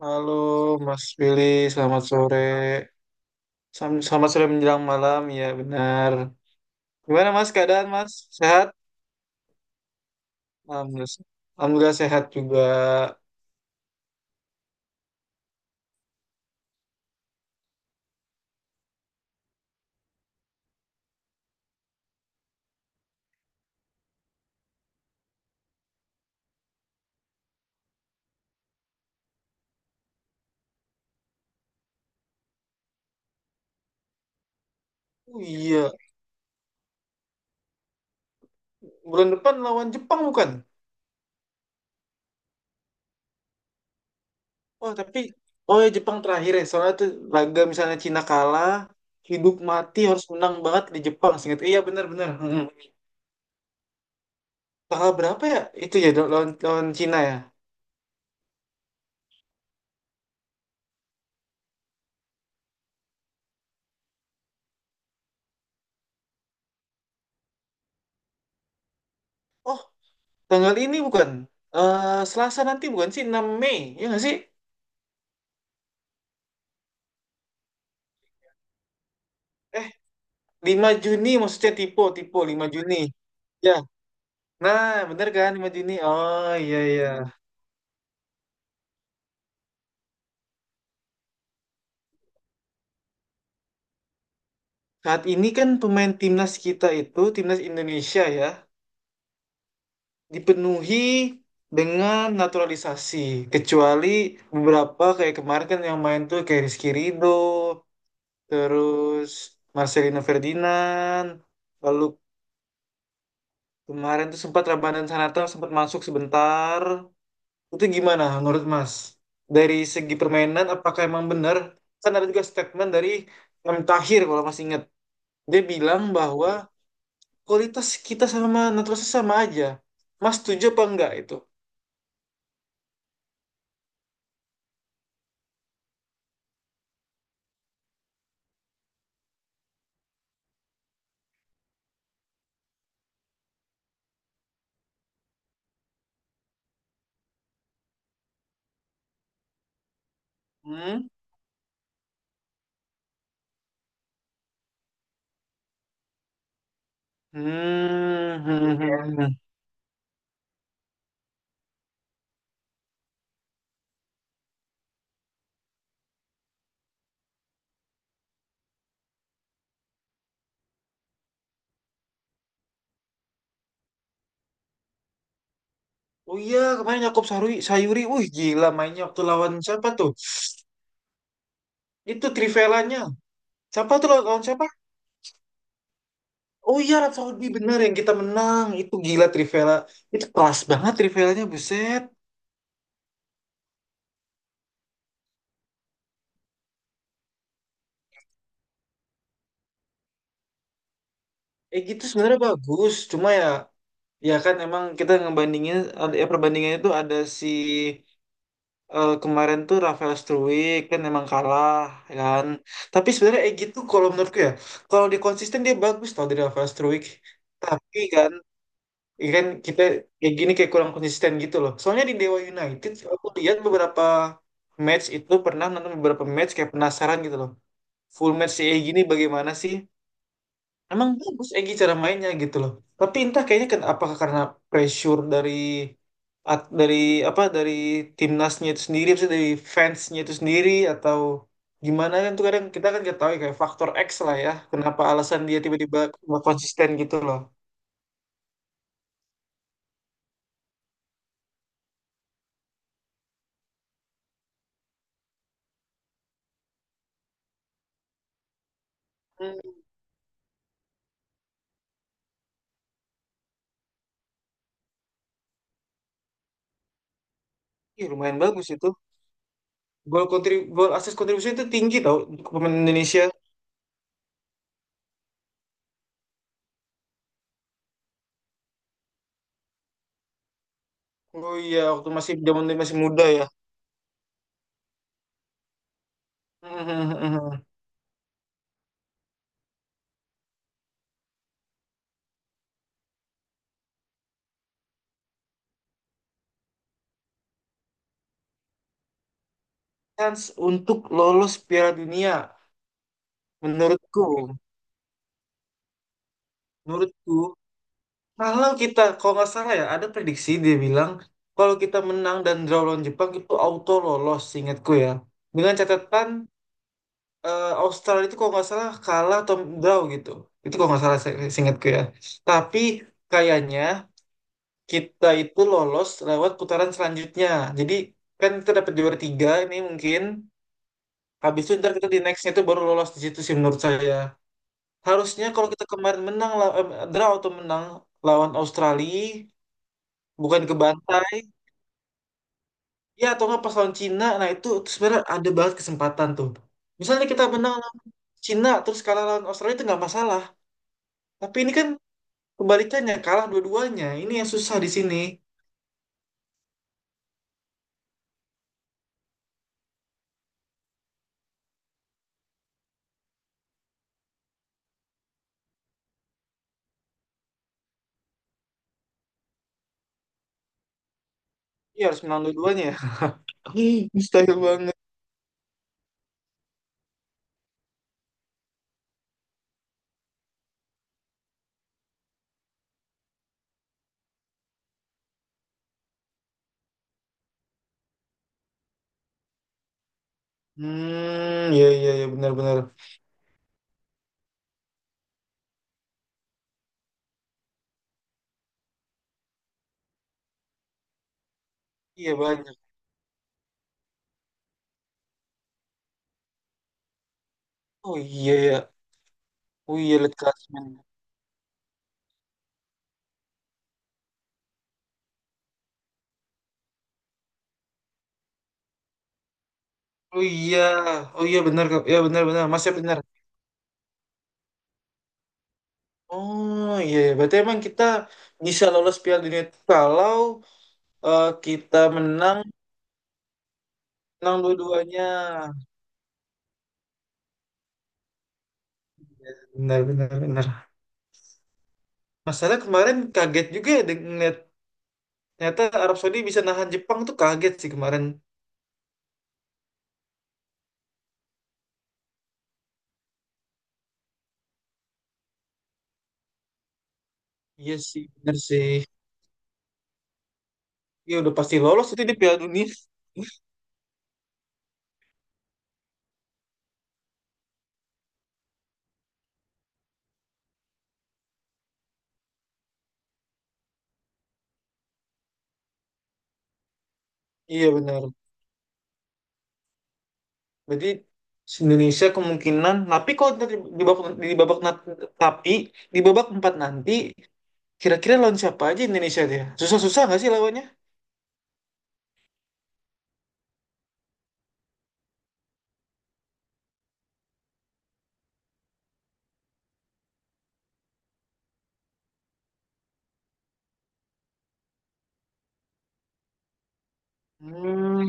Halo Mas Billy, selamat sore. Selamat sore menjelang malam, ya benar. Gimana Mas keadaan Mas? Sehat? Alhamdulillah, Alhamdulillah sehat juga. Oh iya, bulan depan lawan Jepang bukan? Oh tapi, oh ya Jepang terakhir ya. Soalnya tuh laga misalnya Cina kalah, hidup mati harus menang banget di Jepang. Seingat, iya benar-benar. Mm-mm. Tanggal berapa ya? Itu ya lawan Cina ya. Oh, tanggal ini bukan? Eh Selasa nanti bukan sih? 6 Mei, ya nggak sih? Eh, 5 Juni maksudnya tipe tipe 5 Juni. Ya. Nah, bener kan 5 Juni? Oh iya iya. Saat ini kan pemain timnas kita itu timnas Indonesia ya dipenuhi dengan naturalisasi kecuali beberapa kayak kemarin kan yang main tuh kayak Rizky Ridho, terus Marcelino Ferdinand, lalu kemarin tuh sempat Ramadhan Sananta sempat masuk sebentar. Itu gimana menurut Mas? Dari segi permainan, apakah emang benar? Kan ada juga statement dari M. Tahir kalau Mas ingat. Dia bilang bahwa kualitas kita sama naturalisasi sama aja. Mas setuju apa enggak itu? Hmm? Iya. Hmm. Oh iya, kemarin Yakob Sayuri, wih gila mainnya waktu lawan siapa tuh? Itu Trivelanya. Siapa tuh lawan siapa? Oh iya, Arab Saudi benar yang kita menang. Itu gila Trivela. Itu kelas banget Trivelanya, buset. Eh gitu sebenarnya bagus, cuma ya ya kan emang kita ngebandingin ada ya perbandingannya itu ada si kemarin tuh Rafael Struwik kan emang kalah ya kan. Tapi sebenarnya eh gitu kalau menurutku ya, kalau dia konsisten dia bagus tau dari Rafael Struwik. Tapi kan ya kan kita kayak gini kayak kurang konsisten gitu loh. Soalnya di Dewa United aku lihat beberapa match itu pernah nonton beberapa match kayak penasaran gitu loh. Full match si eh gini bagaimana sih? Emang bagus Egy cara mainnya gitu loh. Tapi entah kayaknya ken apakah karena pressure dari apa dari timnasnya itu sendiri, maksudnya dari fansnya itu sendiri atau gimana kan tuh kadang kita kan nggak tahu ya, kayak faktor X lah ya. Kenapa alasan dia tiba-tiba nggak konsisten gitu loh. Hmm, iya, lumayan bagus itu. Gol kontribu gol asis kontribusi itu tinggi tau untuk pemain Indonesia. Oh iya, waktu masih zaman dia masih muda ya. Chance untuk lolos Piala Dunia menurutku. Menurutku, kalau kita, kalau nggak salah ya, ada prediksi dia bilang, kalau kita menang dan draw lawan Jepang itu auto lolos, ingatku ya. Dengan catatan Australia itu kalau nggak salah kalah atau draw gitu. Itu kalau nggak salah ingatku ya. Tapi kayaknya kita itu lolos lewat putaran selanjutnya. Jadi kan kita dapat juara tiga ini mungkin. Habis itu ntar kita di nextnya itu baru lolos di situ sih menurut saya. Harusnya kalau kita kemarin menang, draw atau menang lawan Australia bukan ke bantai ya atau nggak pas lawan Cina nah itu sebenarnya ada banget kesempatan tuh misalnya kita menang lawan Cina terus kalah lawan Australia itu nggak masalah tapi ini kan kebalikannya kalah dua-duanya ini yang susah di sini. Iya harus menang dua-duanya ya. Mustahil banget. Hmm iya iya iya benar-benar. Iya banyak. Oh iya ya. Oh iya lihat klasmen. Oh iya. Oh iya benar Kak. Ya benar-benar masih benar. Oh iya, iya. Berarti emang kita bisa lolos Piala Dunia itu kalau kita menang, menang dua-duanya. Benar, benar, benar. Masalah kemarin kaget juga ya ngeliat ternyata Arab Saudi bisa nahan Jepang tuh kaget sih kemarin. Iya sih, benar sih. Iya udah pasti lolos itu di Piala Dunia. Iya benar. Berarti Indonesia kemungkinan, tapi kalau nanti di babak di babak nat- tapi di babak empat nanti kira-kira lawan siapa aja Indonesia dia? Susah-susah nggak sih lawannya? Hmm,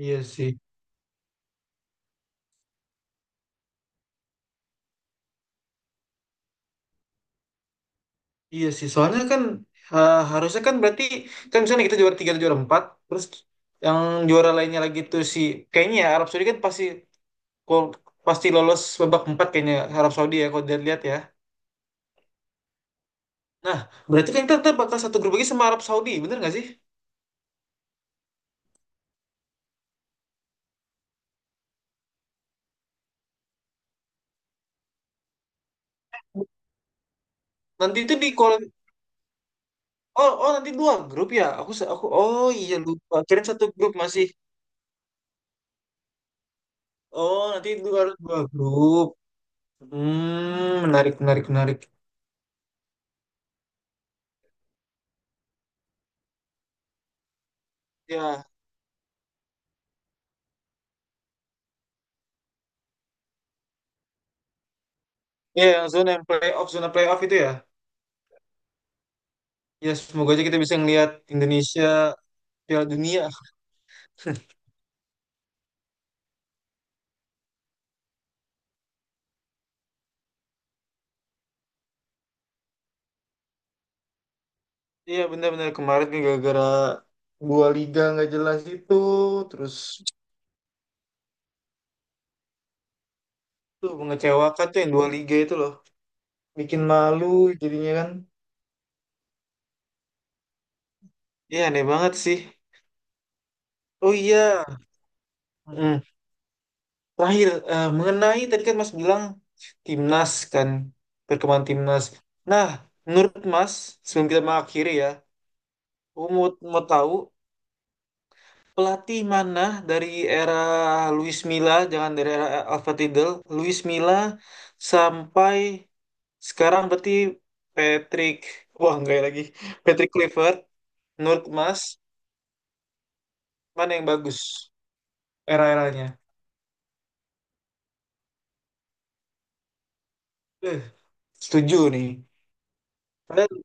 iya sih. Iya sih, soalnya kan harusnya kan berarti kan misalnya kita juara tiga atau juara empat, terus yang juara lainnya lagi tuh si kayaknya ya Arab Saudi kan pasti kol- pasti lolos babak empat kayaknya Arab Saudi ya kalau dilihat ya. Nah, berarti kan kita tetap bakal satu grup lagi sama Arab Saudi, bener nggak sih? Nanti itu di kol oh oh nanti dua grup ya. Aku oh iya lupa. Kirain satu grup masih. Oh nanti itu harus dua grup. Hmm, menarik menarik menarik. Ya, ya yang zona yang playoff zona playoff itu ya. Ya semoga aja kita bisa ngelihat Indonesia Piala Dunia. Iya benar-benar kemarin kan gara-gara dua liga nggak jelas itu, terus tuh mengecewakan tuh yang dua liga itu loh, bikin malu jadinya kan. Iya aneh banget sih. Oh iya, Mm. Terakhir mengenai tadi kan Mas bilang timnas kan perkembangan timnas. Nah, menurut Mas sebelum kita mengakhiri ya, mau tahu Pelatih mana dari era Luis Milla, jangan dari era Alfa Tidal, Luis Milla sampai sekarang berarti Patrick, wah enggak ya lagi, Patrick Clifford, Nur Mas, mana yang bagus era-eranya? Eh, setuju nih. Padahal,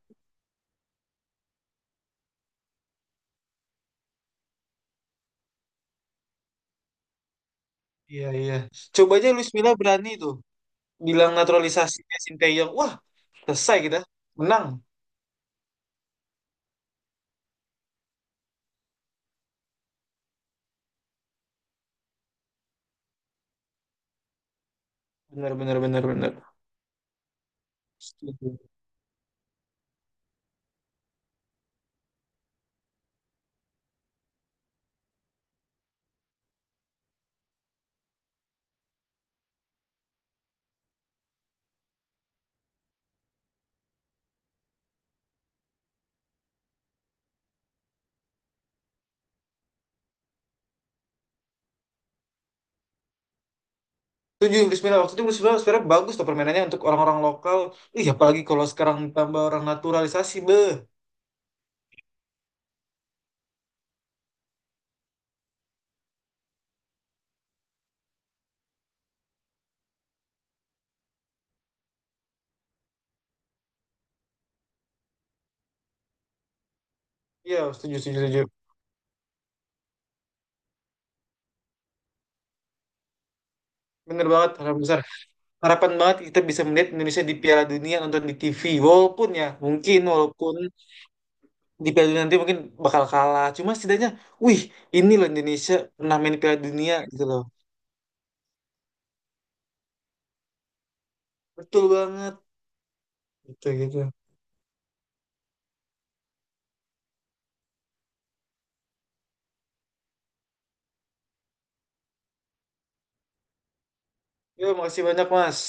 iya iya. Coba aja Luis Milla berani tuh, bilang naturalisasi Sinteyong, wah selesai kita, menang. Bener bener bener bener. Setuju. Setuju Bismillah waktu itu Luis Milla sebenarnya bagus tuh permainannya untuk orang-orang lokal. Ih, apalagi kalau sekarang tambah orang naturalisasi, beh. Iya, setuju, setuju, setuju. Bener banget, harapan besar. Harapan banget kita bisa melihat Indonesia di Piala Dunia nonton di TV. Walaupun ya, mungkin walaupun di Piala Dunia nanti mungkin bakal kalah. Cuma setidaknya, wih, ini loh Indonesia pernah main Piala Dunia gitu loh. Betul banget. Gitu, gitu. Yo, makasih banyak, Mas.